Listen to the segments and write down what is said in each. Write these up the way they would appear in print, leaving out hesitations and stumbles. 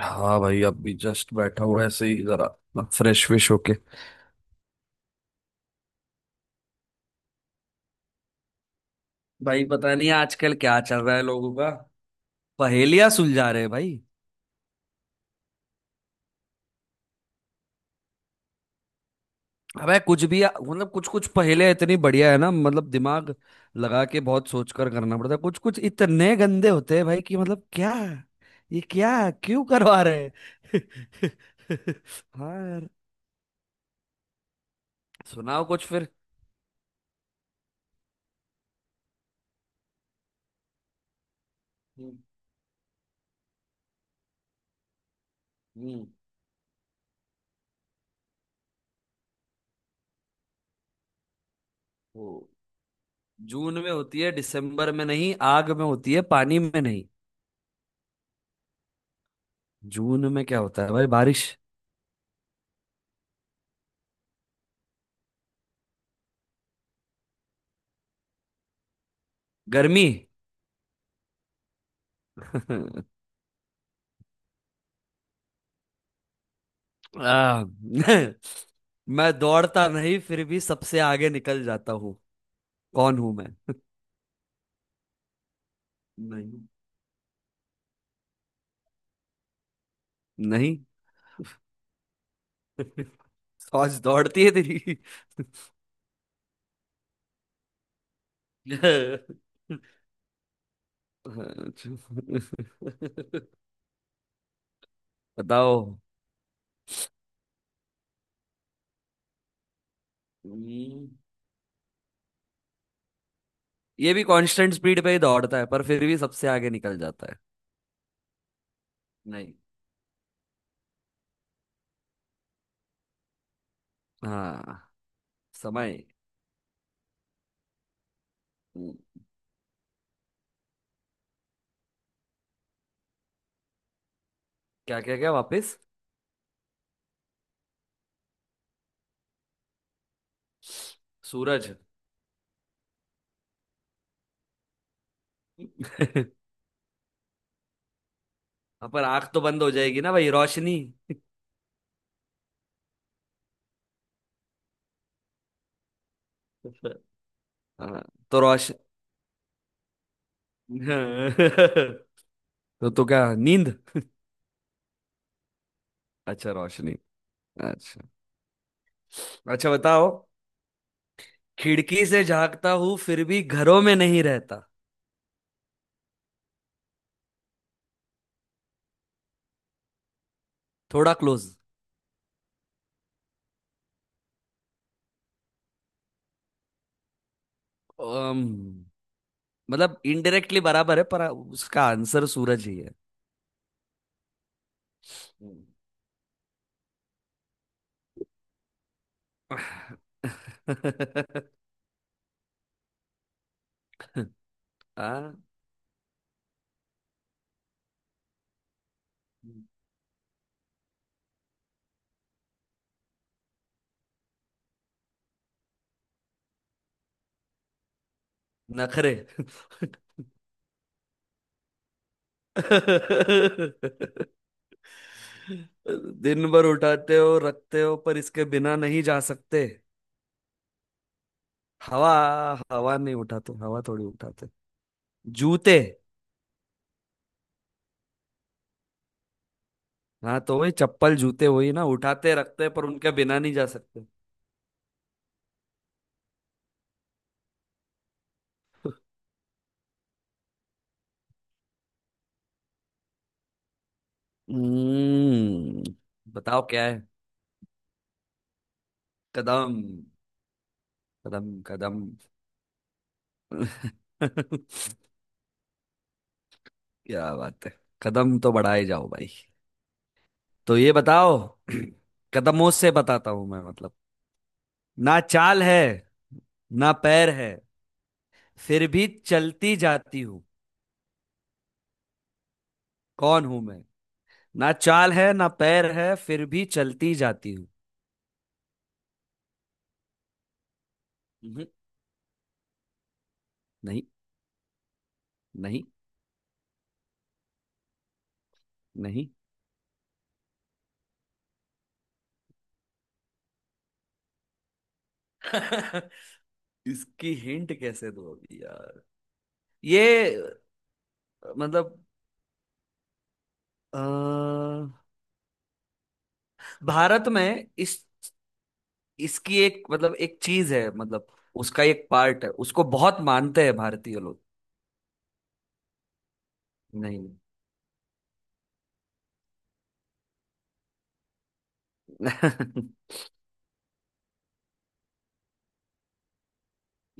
हाँ भाई, अभी जस्ट बैठा हूँ ऐसे ही जरा। फ्रेश विश होके। भाई पता नहीं आजकल क्या चल रहा है लोगों का। पहेलियां सुलझा रहे हैं भाई। अबे कुछ भी, मतलब कुछ कुछ पहेलियां इतनी बढ़िया है ना, मतलब दिमाग लगा के बहुत सोच कर करना पड़ता है। कुछ कुछ इतने गंदे होते हैं भाई कि मतलब क्या, ये क्या क्यों करवा रहे हैं। हाँ यार, सुनाओ कुछ फिर। हम्म। हम्म, वो जून में होती है दिसंबर में नहीं, आग में होती है पानी में नहीं। जून में क्या होता है भाई, बारिश? गर्मी। आ, मैं दौड़ता नहीं फिर भी सबसे आगे निकल जाता हूँ। कौन हूं मैं? नहीं। नहीं। आज दौड़ती है तेरी। अच्छा। बताओ। हम्म, ये भी कांस्टेंट स्पीड पे ही दौड़ता है पर फिर भी सबसे आगे निकल जाता है। नहीं। हाँ, समय। क्या? क्या वापस? सूरज। हाँ, पर आंख तो बंद हो जाएगी ना भाई, रोशनी। हाँ, तो रोश तो तो क्या नींद? अच्छा रोशनी। अच्छा। अच्छा बताओ। खिड़की से झांकता हूँ फिर भी घरों में नहीं रहता। थोड़ा क्लोज। अम्म, मतलब इनडायरेक्टली बराबर है पर उसका आंसर सूरज ही है। हम्म। हाँ, नखरे। दिन भर उठाते हो रखते हो पर इसके बिना नहीं जा सकते। हवा। हवा नहीं उठाते, हवा थोड़ी उठाते। जूते। हाँ तो वही चप्पल जूते, वही ना उठाते रखते, पर उनके बिना नहीं जा सकते। हम्म। बताओ क्या है। कदम। कदम कदम। क्या बात है, कदम तो बढ़ाए जाओ भाई। तो ये बताओ। कदमों से बताता हूं मैं, मतलब ना चाल है ना पैर है फिर भी चलती जाती हूँ। कौन हूं मैं? ना चाल है ना पैर है फिर भी चलती जाती हूँ। हम्म। नहीं। नहीं। नहीं। इसकी हिंट कैसे दो अभी यार। ये मतलब अ, भारत में इस इसकी एक, मतलब एक चीज है, मतलब उसका एक पार्ट है, उसको बहुत मानते हैं भारतीय लोग। नहीं।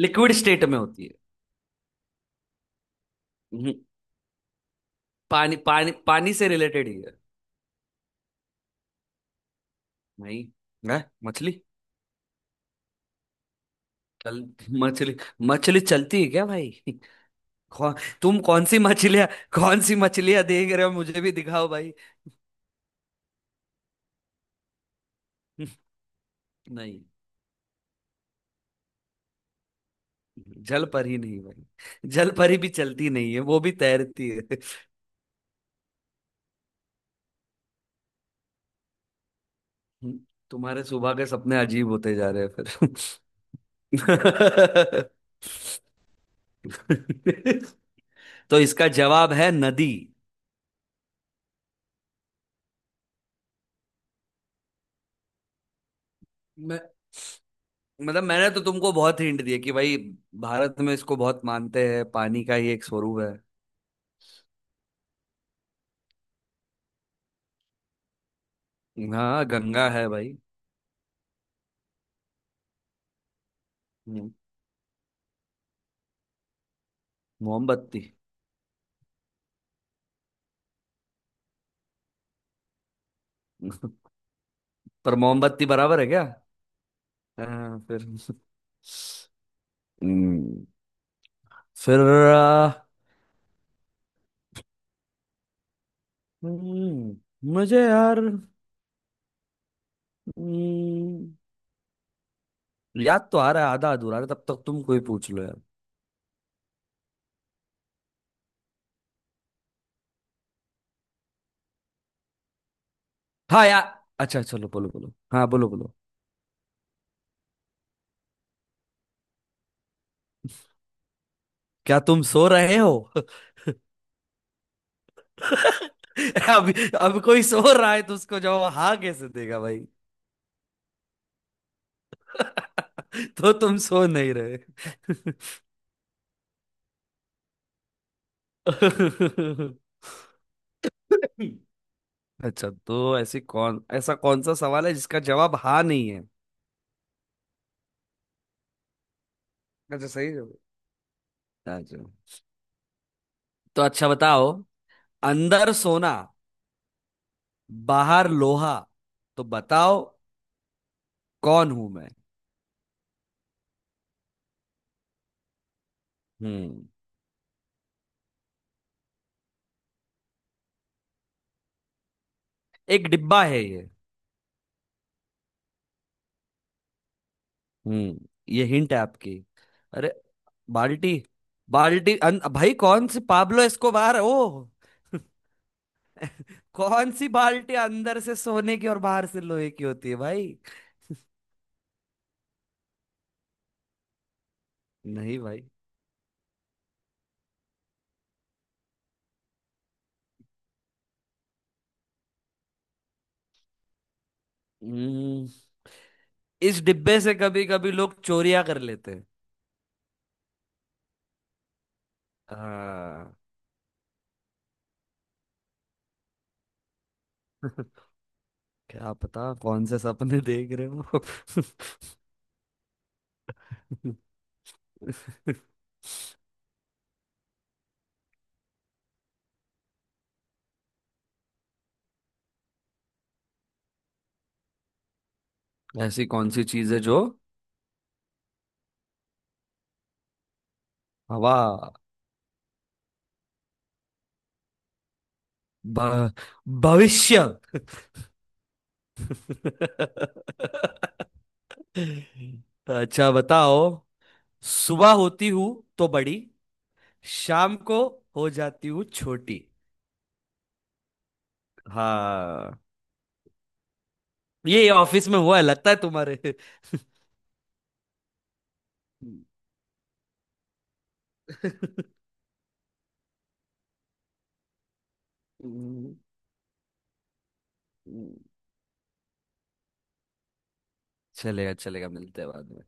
लिक्विड स्टेट में होती है। पानी, पानी से रिलेटेड ही है भाई। है मछली? चल मछली? मछली चलती है क्या भाई? कौन? तुम कौन सी मछलियां देख रहे हो, मुझे भी दिखाओ भाई। नहीं, जल पर ही नहीं भाई, जल पर ही भी चलती नहीं है, वो भी तैरती है। तुम्हारे सुबह के सपने अजीब होते जा रहे हैं फिर। तो इसका जवाब है नदी। मैं मतलब मैंने तो तुमको बहुत हिंट दिए कि भाई भारत में इसको बहुत मानते हैं, पानी का ही एक स्वरूप है। हाँ, गंगा है भाई। हम्म, मोमबत्ती। पर मोमबत्ती बराबर है क्या? हाँ, फिर। हम्म, फिर। आ, हम्म, मुझे यार, हम्म, याद तो आ रहा है, आधा अधूरा है, तब तक तुम कोई पूछ लो यार। हाँ यार, अच्छा चलो बोलो बोलो, हाँ बोलो बोलो। क्या तुम सो रहे हो? अब अब कोई सो रहा है तो उसको जवाब हाँ कैसे देगा भाई। तो तुम सो नहीं रहे। अच्छा तो ऐसी कौन, ऐसा कौन सा सवाल है जिसका जवाब हाँ नहीं है। अच्छा, सही जवाब। अच्छा। तो अच्छा बताओ। अंदर सोना, बाहर लोहा। तो बताओ कौन हूं मैं। हम्म। एक डिब्बा है ये। हम्म। ये हिंट है आपकी? अरे, बाल्टी? भाई कौन सी पाब्लो एस्कोबार है? ओ, कौन सी बाल्टी अंदर से सोने की और बाहर से लोहे की होती है भाई। नहीं भाई। हम्म, इस डिब्बे से कभी कभी लोग चोरियां कर लेते हैं। हाँ। क्या पता कौन से सपने देख रहे हो। ऐसी कौन सी चीज है जो, हवा। भ- भविष्य। अच्छा बताओ। सुबह होती हूँ तो बड़ी, शाम को हो जाती हूँ छोटी। हाँ। ये ऑफिस में हुआ है लगता है तुम्हारे। हम्म। चलेगा चलेगा, मिलते हैं बाद में।